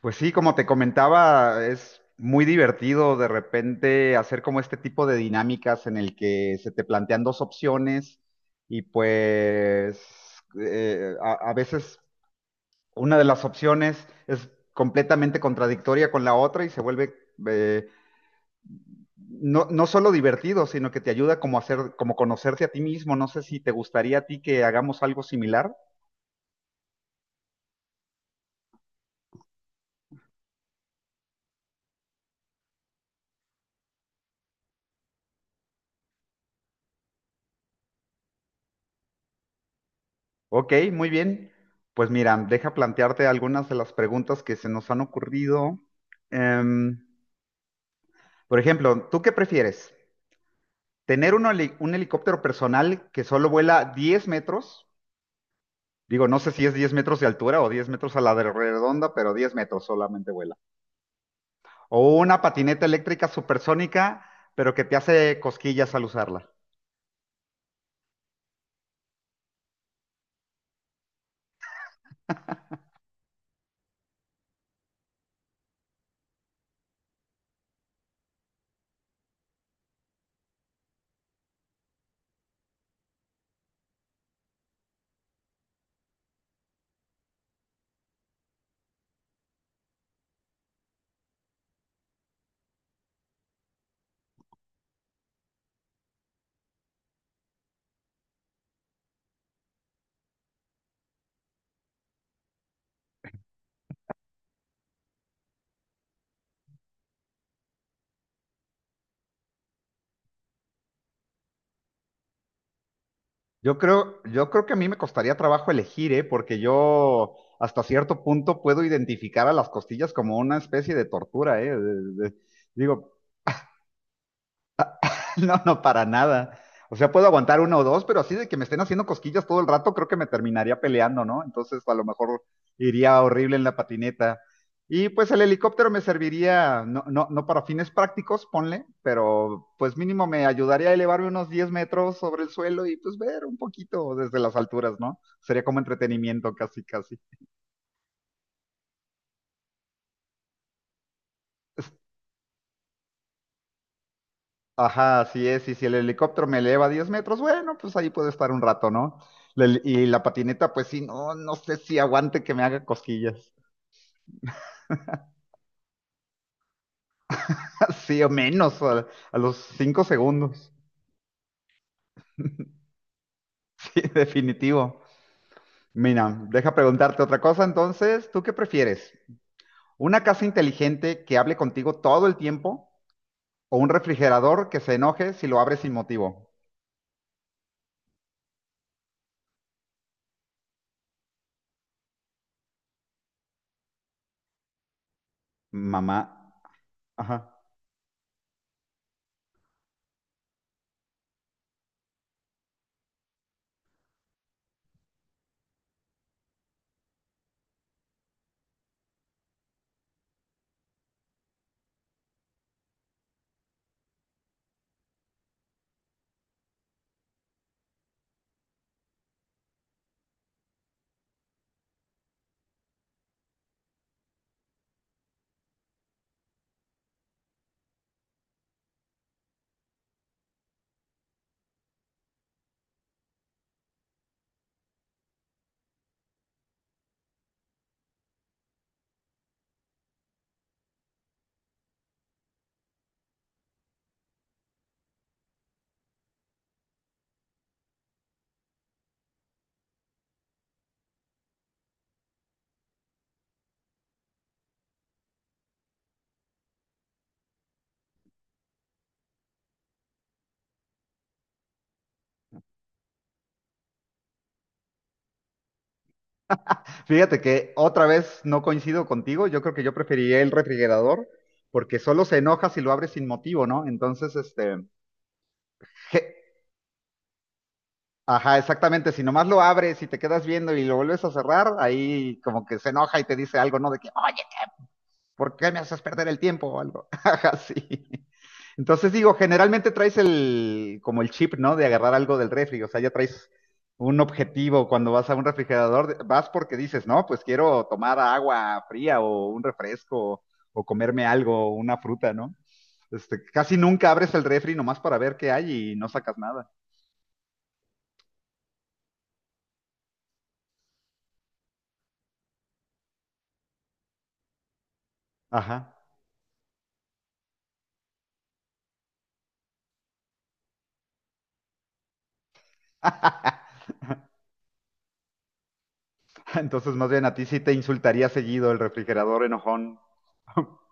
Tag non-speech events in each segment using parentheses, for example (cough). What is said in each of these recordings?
Pues sí, como te comentaba, es muy divertido de repente hacer como este tipo de dinámicas en el que se te plantean dos opciones y pues a veces una de las opciones es completamente contradictoria con la otra y se vuelve eh, no, no solo divertido, sino que te ayuda como a hacer, como conocerte a ti mismo. No sé si te gustaría a ti que hagamos algo similar. Ok, muy bien. Pues mira, deja plantearte algunas de las preguntas que se nos han ocurrido. Em, por ejemplo, ¿tú qué prefieres? ¿Tener un, un helicóptero personal que solo vuela 10 metros? Digo, no sé si es 10 metros de altura o 10 metros a la de redonda, pero 10 metros solamente vuela. O una patineta eléctrica supersónica, pero que te hace cosquillas al usarla. Yo creo que a mí me costaría trabajo elegir, ¿eh? Porque yo hasta cierto punto puedo identificar a las costillas como una especie de tortura, ¿eh? Digo, (laughs) no, no, para nada. O sea, puedo aguantar uno o dos, pero así de que me estén haciendo cosquillas todo el rato, creo que me terminaría peleando, ¿no? Entonces, a lo mejor iría horrible en la patineta. Y pues el helicóptero me serviría, no para fines prácticos, ponle, pero pues mínimo me ayudaría a elevarme unos 10 metros sobre el suelo y pues ver un poquito desde las alturas, ¿no? Sería como entretenimiento casi, casi. Ajá, así es. Y si el helicóptero me eleva 10 metros, bueno, pues ahí puedo estar un rato, ¿no? La patineta, pues sí, no, no sé si aguante que me haga cosquillas. (laughs) Sí, o menos, a los 5 segundos. (laughs) Sí, definitivo. Mira, deja preguntarte otra cosa entonces. ¿Tú qué prefieres? ¿Una casa inteligente que hable contigo todo el tiempo o un refrigerador que se enoje si lo abres sin motivo? Mamá. Fíjate que otra vez no coincido contigo. Yo creo que yo preferiría el refrigerador porque solo se enoja si lo abres sin motivo, ¿no? Entonces, este, je- ajá, exactamente. Si nomás lo abres y te quedas viendo y lo vuelves a cerrar, ahí como que se enoja y te dice algo, ¿no? De que, oye, ¿por qué me haces perder el tiempo o algo? (laughs) Ajá, sí. Entonces digo, generalmente traes el, como el chip, ¿no? De agarrar algo del refri, o sea, ya traes un objetivo cuando vas a un refrigerador, vas porque dices, no, pues quiero tomar agua fría o un refresco o comerme algo, una fruta, ¿no? Este, casi nunca abres el refri nomás para ver qué hay y no sacas nada. Ajá. (laughs) Entonces, más bien a ti sí te insultaría seguido el refrigerador enojón. (laughs)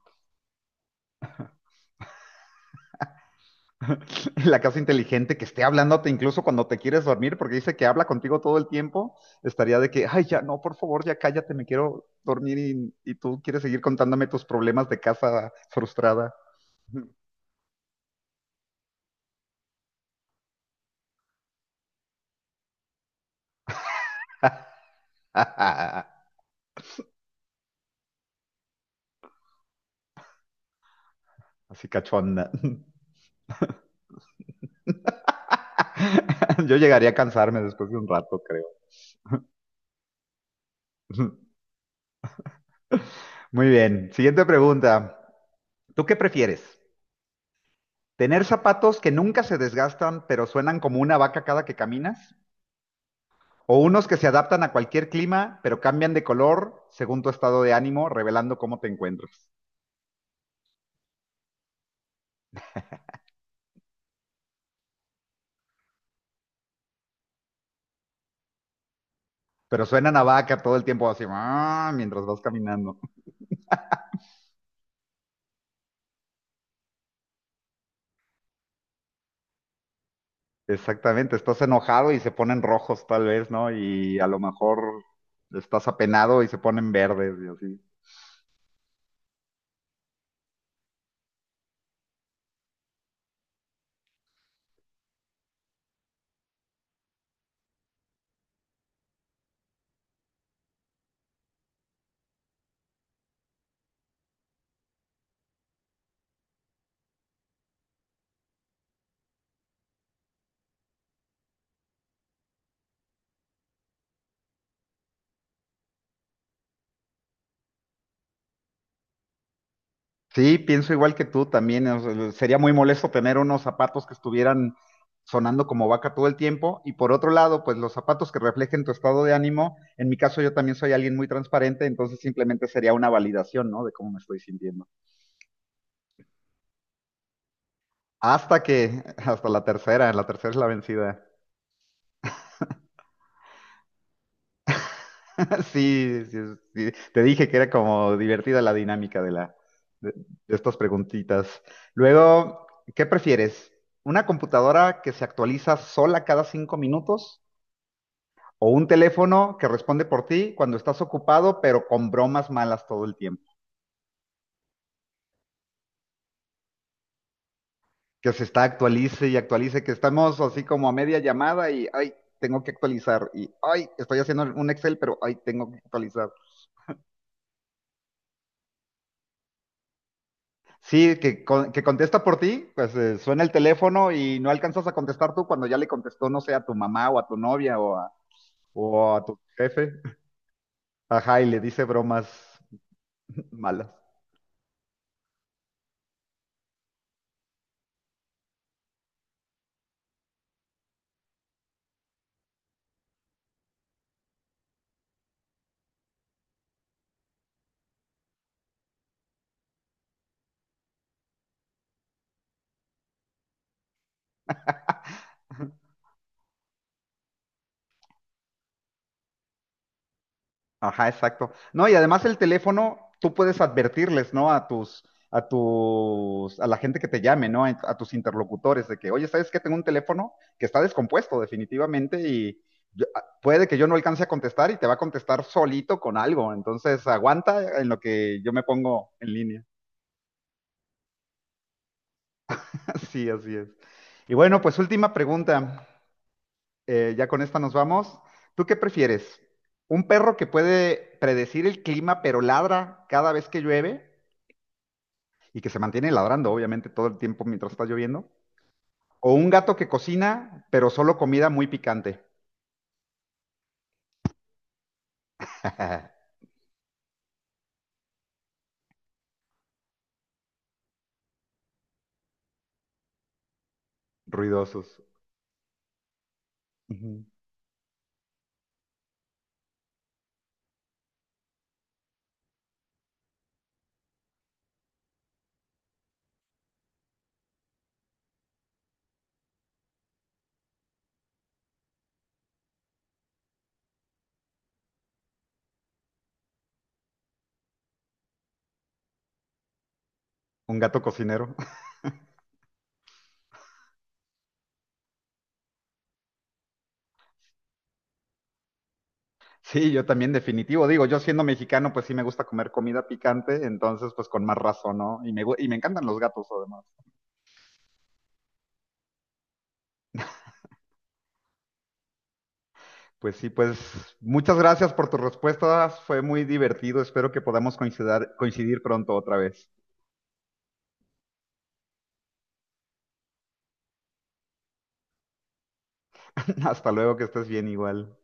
(laughs) La casa inteligente que esté hablándote incluso cuando te quieres dormir, porque dice que habla contigo todo el tiempo, estaría de que, ay, ya no, por favor, ya cállate, me quiero dormir y tú quieres seguir contándome tus problemas de casa frustrada. (laughs) Así cachonda. (laughs) Yo llegaría a cansarme después de un rato, creo. (laughs) Muy bien, siguiente pregunta. ¿Tú qué prefieres? ¿Tener zapatos que nunca se desgastan pero suenan como una vaca cada que caminas? O unos que se adaptan a cualquier clima, pero cambian de color según tu estado de ánimo, revelando cómo te encuentras. Pero suenan a vaca todo el tiempo así, "Ah", mientras vas caminando. (laughs) Exactamente, estás enojado y se ponen rojos tal vez, ¿no? Y a lo mejor estás apenado y se ponen verdes y así. Sí, pienso igual que tú también. O sea, sería muy molesto tener unos zapatos que estuvieran sonando como vaca todo el tiempo. Y por otro lado, pues los zapatos que reflejen tu estado de ánimo. En mi caso, yo también soy alguien muy transparente, entonces simplemente sería una validación, ¿no? De cómo me estoy sintiendo. Hasta que, hasta la tercera es la vencida. (laughs) Sí, sí, sí. Te dije que era como divertida la dinámica de la de estas preguntitas. Luego, ¿qué prefieres? ¿Una computadora que se actualiza sola cada 5 minutos o un teléfono que responde por ti cuando estás ocupado, pero con bromas malas todo el tiempo? Que se está actualice y actualice, que estamos así como a media llamada y ay, tengo que actualizar y ay, estoy haciendo un Excel, pero ay, tengo que actualizar. Sí, que, que contesta por ti, pues suena el teléfono y no alcanzas a contestar tú cuando ya le contestó, no sé, a tu mamá o a tu novia o a tu jefe. Ajá, y le dice bromas (laughs) malas. Ajá, exacto. No, y además el teléfono, tú puedes advertirles, ¿no? A tus, a la gente que te llame, ¿no? A tus interlocutores de que, oye, ¿sabes qué? Tengo un teléfono que está descompuesto definitivamente y puede que yo no alcance a contestar y te va a contestar solito con algo. Entonces, aguanta en lo que yo me pongo en línea. (laughs) Sí, así es. Y bueno, pues última pregunta. Ya con esta nos vamos. ¿Tú qué prefieres? ¿Un perro que puede predecir el clima pero ladra cada vez que llueve? Y que se mantiene ladrando, obviamente, todo el tiempo mientras está lloviendo. O un gato que cocina, pero solo comida muy picante. (laughs) Ruidosos. Ujú. Un gato cocinero. (laughs) Sí, yo también, definitivo. Digo, yo siendo mexicano, pues sí me gusta comer comida picante, entonces pues con más razón, ¿no? Y me, y me encantan los gatos además. Pues sí, pues muchas gracias por tus respuestas. Fue muy divertido. Espero que podamos coincidir pronto otra vez. (laughs) Hasta luego, que estés bien igual.